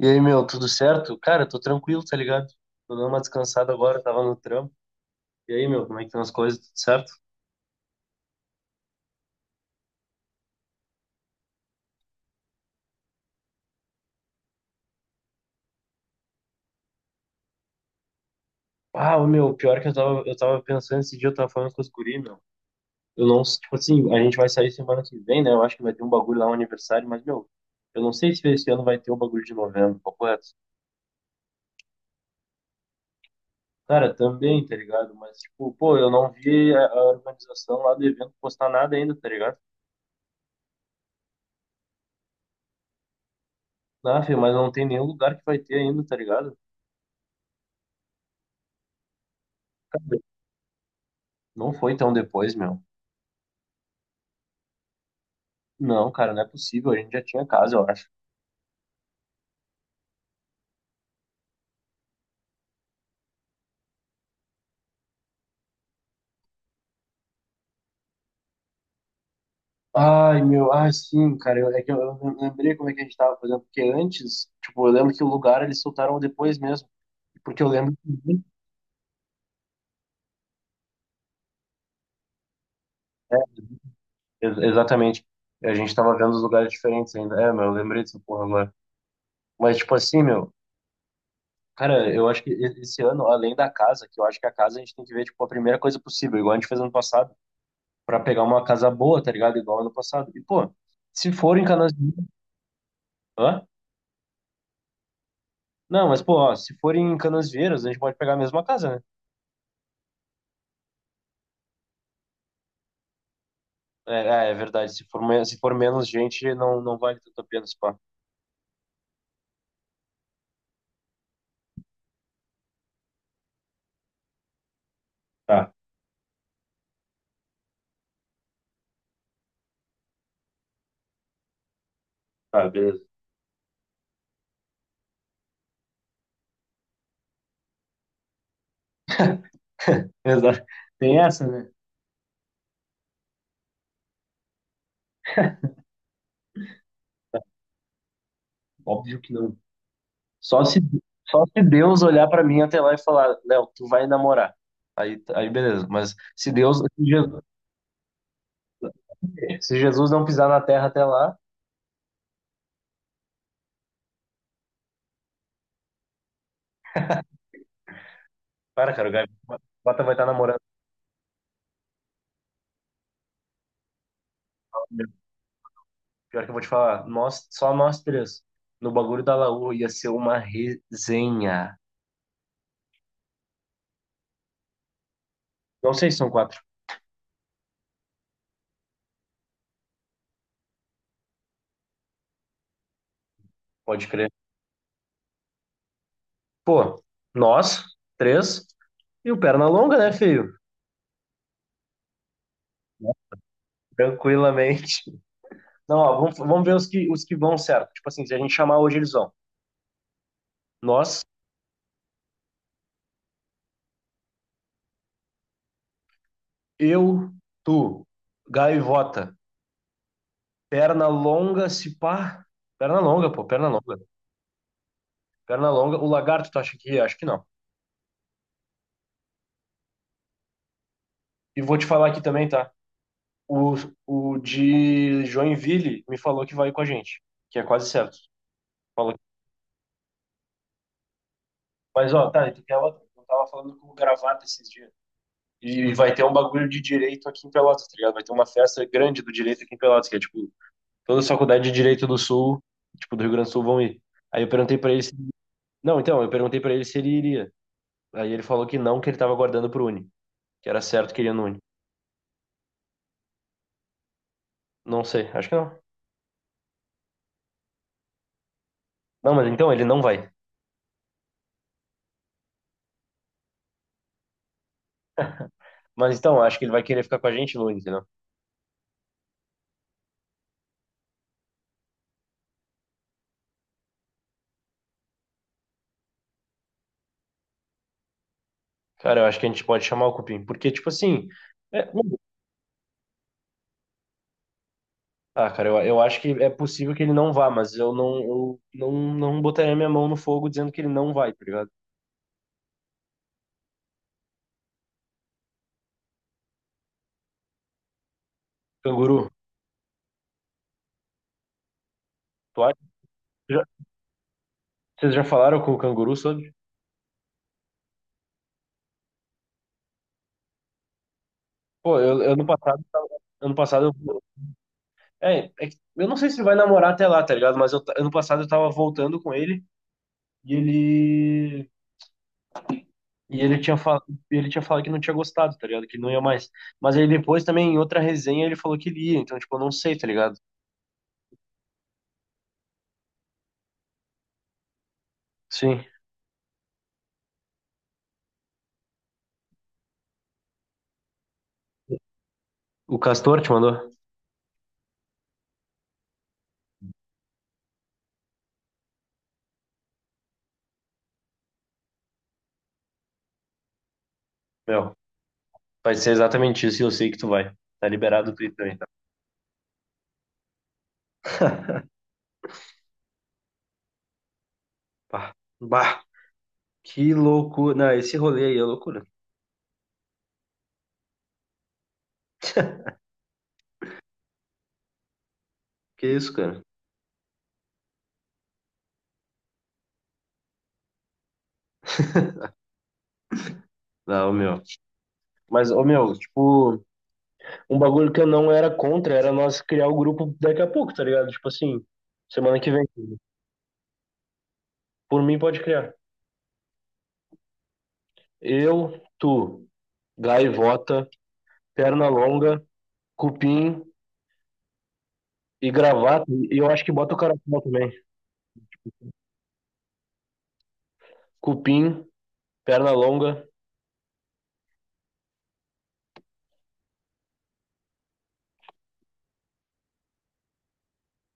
E aí, meu, tudo certo? Cara, tô tranquilo, tá ligado? Tô dando uma descansada agora, tava no trampo. E aí, meu, como é que estão as coisas? Tudo certo? Ah, ô, meu, pior que eu tava pensando esse dia, eu tava falando com os guri, meu. Eu não, tipo assim, a gente vai sair semana que vem, né? Eu acho que vai ter um bagulho lá, um aniversário, mas, meu, eu não sei se esse ano vai ter o bagulho de novembro, papo reto. Cara, também, tá ligado? Mas, tipo, pô, eu não vi a organização lá do evento postar nada ainda, tá ligado? Ah, filho, mas não tem nenhum lugar que vai ter ainda, tá ligado? Não foi tão depois, meu. Não, cara, não é possível. A gente já tinha casa, eu acho. Ai, meu, ah, sim, cara, é que eu lembrei como é que a gente tava fazendo, porque antes, tipo, eu lembro que o lugar eles soltaram depois mesmo, porque eu lembro que exatamente. A gente tava vendo os lugares diferentes ainda. É, meu, eu lembrei dessa porra agora. Mas, tipo assim, meu, cara, eu acho que esse ano, além da casa, que eu acho que a casa a gente tem que ver, tipo, a primeira coisa possível, igual a gente fez ano passado, pra pegar uma casa boa, tá ligado? Igual ano passado. E, pô, se for em Canasvieiras. Hã? Não, mas, pô, ó, se for em Canasvieiras, a gente pode pegar a mesma casa, né? É verdade. Se for, se for menos gente, não, não vale tanto a pena esse pá. Tá, tá, beleza. Exato. Tem essa, né? Óbvio que não. Só se, só se Deus olhar pra mim até lá e falar, Léo, tu vai namorar. Aí, beleza. Mas se Deus, se Jesus não pisar na terra até lá, para, cara, o Gaivota vai estar namorando. Pior que eu vou te falar, nós, só nós três, no bagulho da Laú, ia ser uma resenha. Não sei se são quatro. Pode crer. Pô, nós, três, e o perna longa, né, filho? Tranquilamente. Não, ó, vamos ver os que vão certo. Tipo assim, se a gente chamar hoje, eles vão. Nós, eu, tu, gaivota, perna longa, se pá. Perna longa, pô, perna longa. Perna longa. O lagarto, tu acha que? É? Acho que não. E vou te falar aqui também, tá? O, o de Joinville me falou que vai com a gente, que é quase certo. Falou. Mas, ó, tá, e tu quer outro? Eu tava falando com o gravata esses dias. E vai ter um bagulho de direito aqui em Pelotas, tá ligado? Vai ter uma festa grande do direito aqui em Pelotas, que é tipo, toda a faculdade de direito do Sul, tipo, do Rio Grande do Sul vão ir. Aí eu perguntei pra ele, se. Não, então, eu perguntei pra ele se ele iria. Aí ele falou que não, que ele tava aguardando pro Uni, que era certo que ele ia no Uni. Não sei, acho que não. Não, mas então ele não vai. Mas então, acho que ele vai querer ficar com a gente no Uni, entendeu? Cara, eu acho que a gente pode chamar o Cupim, porque, tipo assim, é- ah, cara, eu acho que é possível que ele não vá, mas eu não botaria minha mão no fogo dizendo que ele não vai, tá ligado? Canguru. Tu acha? Já- Vocês já falaram com o canguru sobre? Pô, eu ano passado, ano passado eu, é que eu não sei se ele vai namorar até lá, tá ligado? Mas eu ano passado eu tava voltando com ele e ele e ele tinha falado, ele tinha falado que não tinha gostado, tá ligado? Que não ia mais. Mas aí depois também em outra resenha ele falou que ele ia, então tipo, eu não sei, tá ligado? Sim. O Castor te mandou? Meu, vai ser exatamente isso e eu sei que tu vai. Tá liberado o Twitter também, tá? Bah, bah, que loucura. Não, esse rolê aí é loucura. Que isso, cara? Não, meu. Mas, ô meu, tipo, um bagulho que eu não era contra era nós criar o grupo daqui a pouco, tá ligado? Tipo assim, semana que vem. Por mim, pode criar. Eu, tu, gaivota, perna longa, cupim e gravata. E eu acho que bota o caracol também. Cupim, perna longa,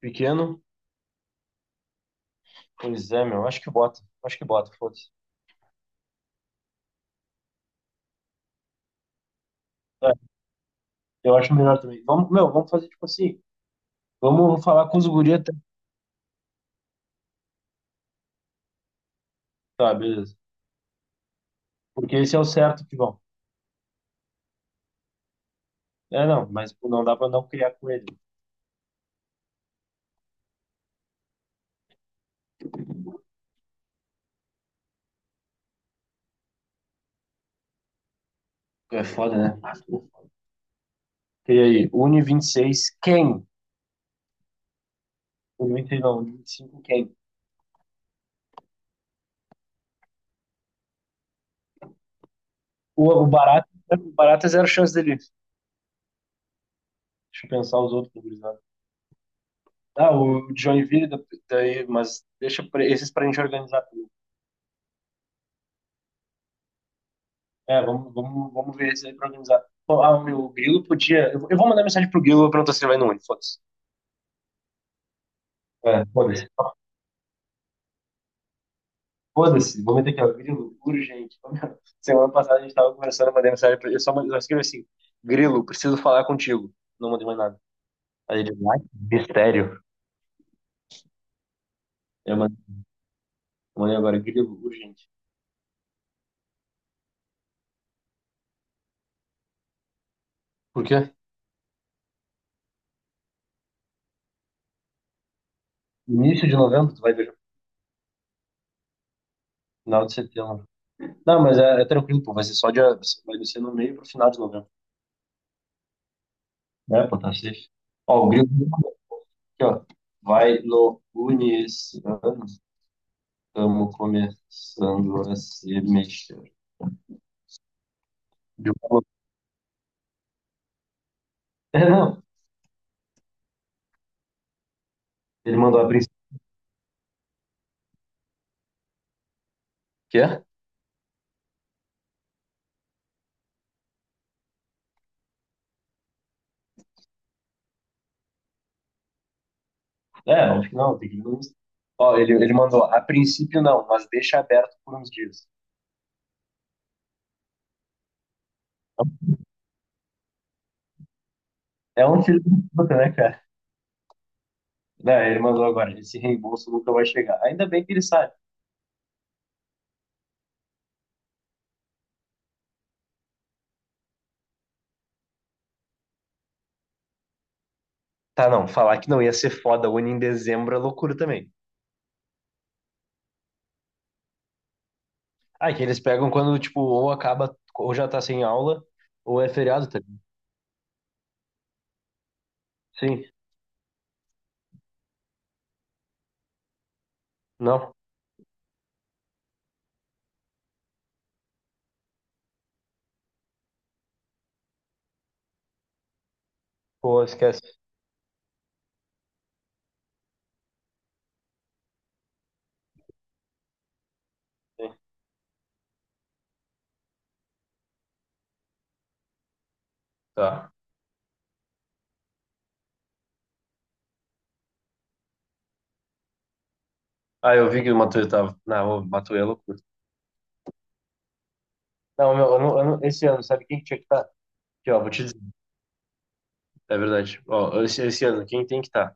pequeno. Pois é, meu, acho que bota. Acho que bota, foda-se. É, eu acho melhor também. Vamos, meu, vamos fazer tipo assim. Vamos falar com os guri até. Tá, beleza. Porque esse é o certo que vão. É, não, mas pô, não dá pra não criar com ele. É foda, né? E aí, Uni 26, quem? Uni 26 não, Uni 25, quem? O Barata é zero chance dele. Deixa eu pensar os outros gurizada. Ah, o Joinville, daí, mas deixa esses pra gente organizar tudo. É, vamos ver esses aí pra organizar. Pô, ah, o meu Grilo podia. Eu vou mandar mensagem pro Grilo, eu vou perguntar se ele vai no Uni, foda-se. É, foda-se. Foda-se, vou meter aqui, ó, Grilo, urgente. Semana passada a gente tava conversando, eu mandei mensagem pra ele, eu só escrevi assim, Grilo, preciso falar contigo. Não mandei mais nada. Aí ele, vai, mistério. Eu mandei eu mandei agora, Grilo, urgente. Por quê? Início de novembro, tu vai ver. Final de setembro. Não, mas é tranquilo, pô. Vai ser só dia. Vai descer no meio pro final de novembro. Né, pô, tá safe. Ó, o Grilo aqui, ó. Vai no Uni esse ano. Estamos começando a se mexer. Ele falou, é, não. Ele mandou a princípio. Que é? É, acho que não, tem que ver no Insta. Ó, ele mandou, a princípio não, mas deixa aberto por uns dias. É um filho da puta, né, cara? Né, ele mandou agora, esse reembolso nunca vai chegar. Ainda bem que ele sabe. Tá, não, falar que não ia ser foda, une em dezembro é loucura também. Ah, que eles pegam quando, tipo, ou acaba, ou já tá sem aula, ou é feriado, tá? Sim, não, pô, esquece. Sim, tá. Ah, eu vi que o Matuê tava. Não, o Matuê é loucura. Não, meu, eu não- esse ano, sabe quem que tinha que estar? Aqui, ó, vou te dizer. É verdade. Ó, esse ano, quem tem que estar?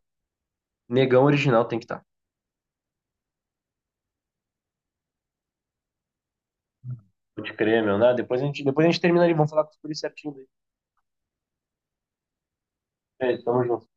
Negão original tem que estar. Pode crer, meu, né? Depois a gente termina ali, vamos falar com os policiais certinho daí. É, tamo junto.